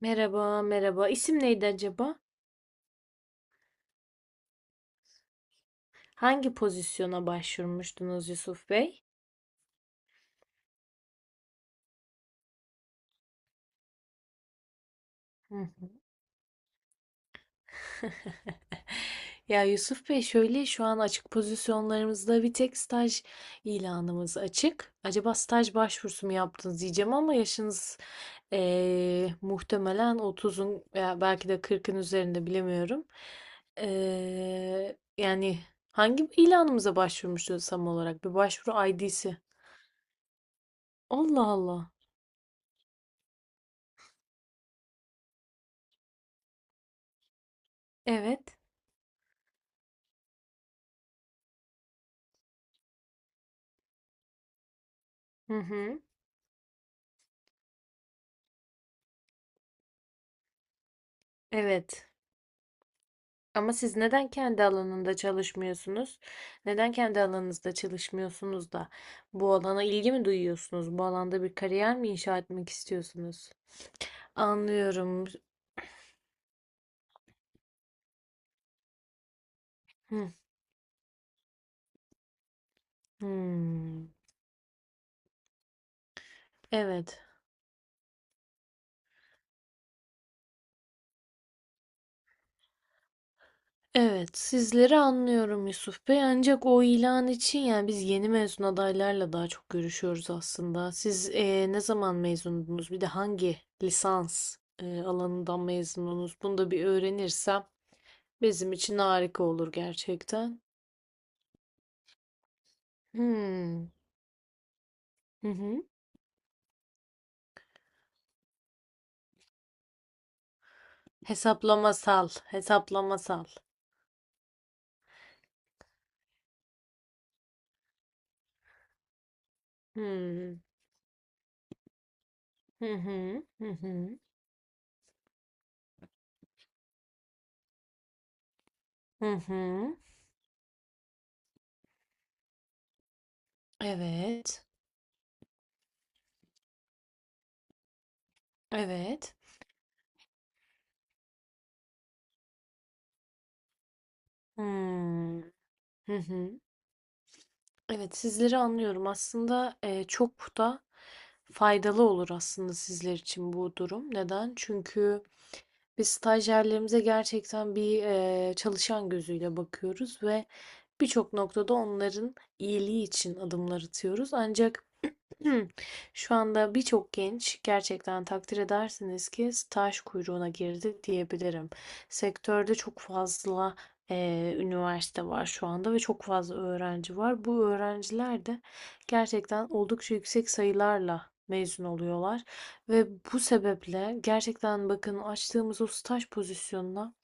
Merhaba, merhaba. İsim neydi acaba? Hangi pozisyona başvurmuştunuz Yusuf Bey? Hı. Ya Yusuf Bey şöyle şu an açık pozisyonlarımızda bir tek staj ilanımız açık. Acaba staj başvurusu mu yaptınız diyeceğim ama yaşınız muhtemelen otuzun veya belki de kırkın üzerinde bilemiyorum. Yani hangi ilanımıza başvurmuştunuz tam olarak? Bir başvuru ID'si. Allah Allah. Evet. Hı hı. Evet. Ama siz neden kendi alanında çalışmıyorsunuz? Neden kendi alanınızda çalışmıyorsunuz da bu alana ilgi mi duyuyorsunuz? Bu alanda bir kariyer mi inşa etmek istiyorsunuz? Anlıyorum. Hı. Hmm. Evet. Evet, sizleri anlıyorum Yusuf Bey. Ancak o ilan için yani biz yeni mezun adaylarla daha çok görüşüyoruz aslında. Siz ne zaman mezundunuz? Bir de hangi lisans alanından mezundunuz? Bunu da bir öğrenirsem bizim için harika olur gerçekten. Hmm. Hı hı. Hesaplamasal, hesaplamasal. Hmm. Hı hı. Hı hı. Hı hı. Evet. Evet. Hmm. Hı hı. Evet, sizleri anlıyorum. Aslında çok da faydalı olur aslında sizler için bu durum. Neden? Çünkü biz stajyerlerimize gerçekten bir çalışan gözüyle bakıyoruz ve birçok noktada onların iyiliği için adımlar atıyoruz. Ancak şu anda birçok genç gerçekten takdir edersiniz ki staj kuyruğuna girdi diyebilirim. Sektörde çok fazla üniversite var şu anda ve çok fazla öğrenci var. Bu öğrenciler de gerçekten oldukça yüksek sayılarla mezun oluyorlar ve bu sebeple gerçekten bakın açtığımız o staj pozisyonuna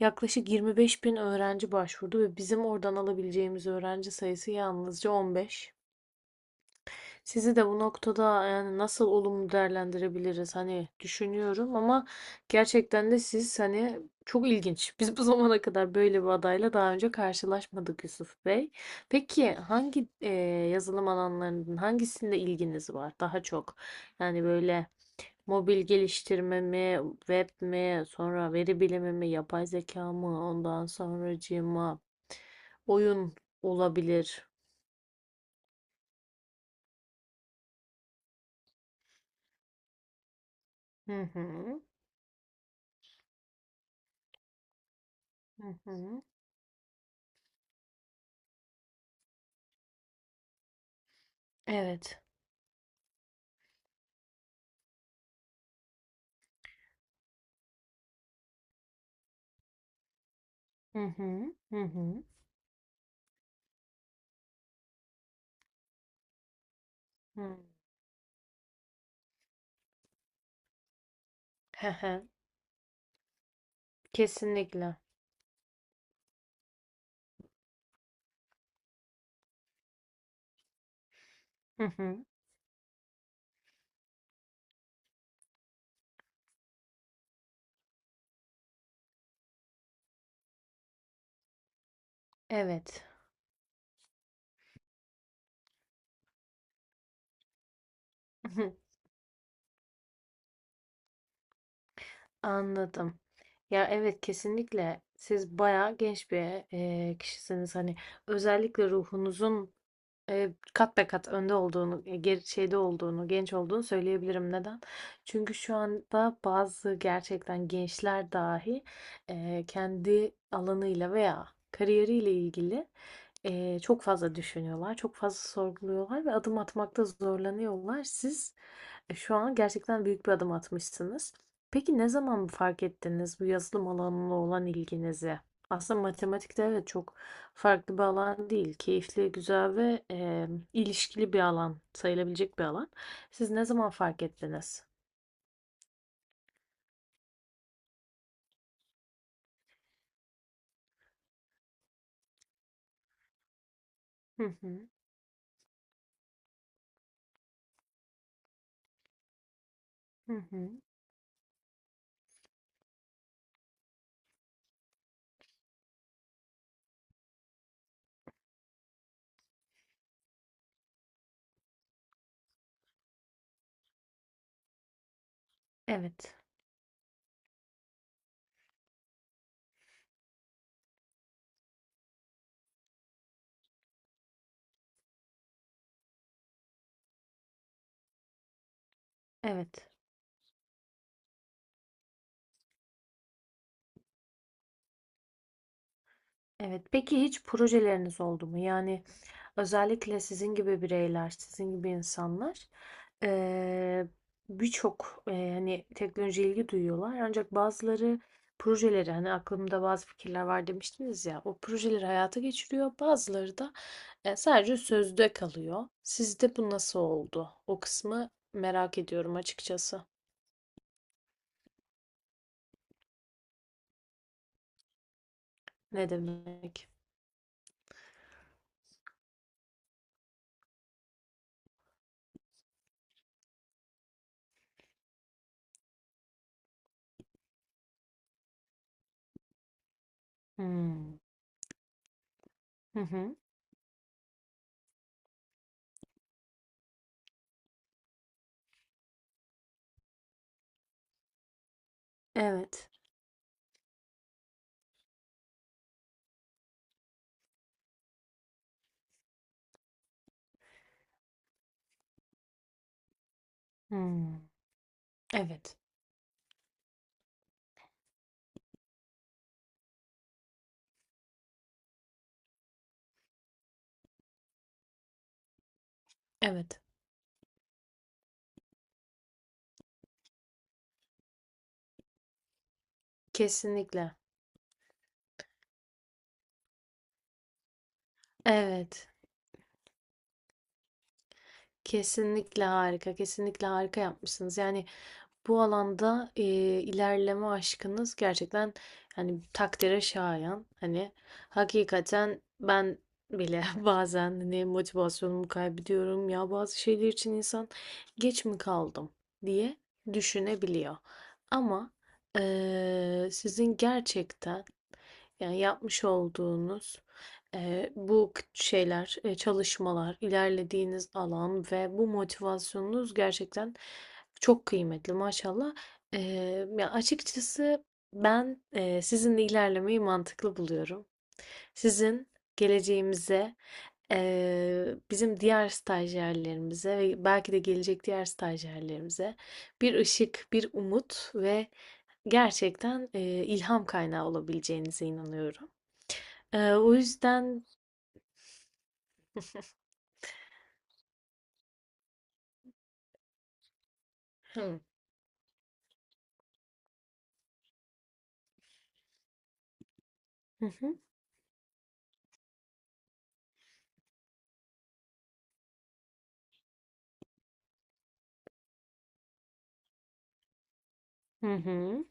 yaklaşık 25 bin öğrenci başvurdu ve bizim oradan alabileceğimiz öğrenci sayısı yalnızca 15. Sizi de bu noktada yani nasıl olumlu değerlendirebiliriz hani düşünüyorum ama gerçekten de siz hani çok ilginç. Biz bu zamana kadar böyle bir adayla daha önce karşılaşmadık Yusuf Bey. Peki hangi yazılım alanlarının hangisinde ilginiz var daha çok? Yani böyle mobil geliştirme mi, web mi, sonra veri bilimi mi, yapay zeka mı, ondan sonracığıma oyun olabilir. Hı hı, hı hı. Evet. Hı hı, hı hı. Hı. Hı hı. Kesinlikle. Hı hı. Evet. Hı hı. Anladım. Ya evet kesinlikle siz bayağı genç bir kişisiniz. Hani özellikle ruhunuzun kat be kat önde olduğunu, geri şeyde olduğunu, genç olduğunu söyleyebilirim. Neden? Çünkü şu anda bazı gerçekten gençler dahi, kendi alanıyla veya kariyeriyle ilgili, çok fazla düşünüyorlar, çok fazla sorguluyorlar ve adım atmakta zorlanıyorlar. Siz, şu an gerçekten büyük bir adım atmışsınız. Peki ne zaman fark ettiniz bu yazılım alanına olan ilginizi? Aslında matematikte evet çok farklı bir alan değil. Keyifli, güzel ve ilişkili bir alan sayılabilecek bir alan. Siz ne zaman fark ettiniz? Hı hı, hı hı. Evet, evet, evet. Peki hiç projeleriniz oldu mu? Yani özellikle sizin gibi bireyler, sizin gibi insanlar e, birçok hani teknolojiye ilgi duyuyorlar. Ancak bazıları projeleri hani aklımda bazı fikirler var demiştiniz ya o projeleri hayata geçiriyor. Bazıları da sadece sözde kalıyor. Sizde bu nasıl oldu? O kısmı merak ediyorum açıkçası. Ne demek? Hmm. Hı hı. Evet. Hmm. Evet. Evet. Kesinlikle. Evet. Kesinlikle harika. Kesinlikle harika yapmışsınız. Yani bu alanda, ilerleme aşkınız gerçekten, hani, takdire şayan. Hani, hakikaten ben bile bazen, hani, motivasyonumu kaybediyorum. "Ya, bazı şeyler için insan geç mi kaldım?" diye düşünebiliyor. Ama, sizin gerçekten yani yapmış olduğunuz bu şeyler, çalışmalar, ilerlediğiniz alan ve bu motivasyonunuz gerçekten çok kıymetli maşallah. Ya açıkçası ben sizinle ilerlemeyi mantıklı buluyorum. Sizin geleceğimize, bizim diğer stajyerlerimize ve belki de gelecek diğer stajyerlerimize bir ışık, bir umut ve gerçekten ilham kaynağı olabileceğinize inanıyorum. O yüzden hıı. Hı hı. Hı hı.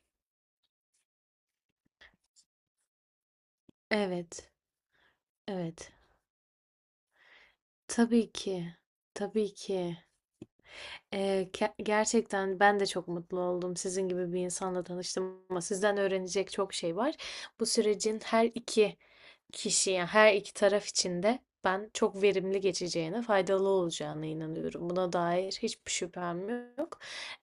Evet, evet. Tabii ki, tabii ki. Gerçekten ben de çok mutlu oldum sizin gibi bir insanla tanıştım ama sizden öğrenecek çok şey var. Bu sürecin her iki kişi, yani her iki taraf için de ben çok verimli geçeceğine, faydalı olacağına inanıyorum. Buna dair hiçbir şüphem yok.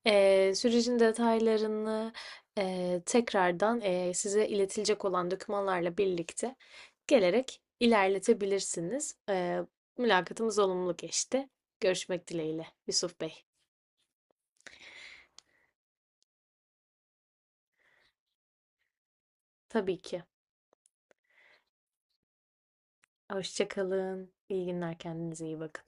Sürecin detaylarını tekrardan size iletilecek olan dokümanlarla birlikte gelerek ilerletebilirsiniz. Mülakatımız olumlu geçti. Görüşmek dileğiyle Yusuf Bey. Tabii ki. Hoşça kalın. İyi günler. Kendinize iyi bakın.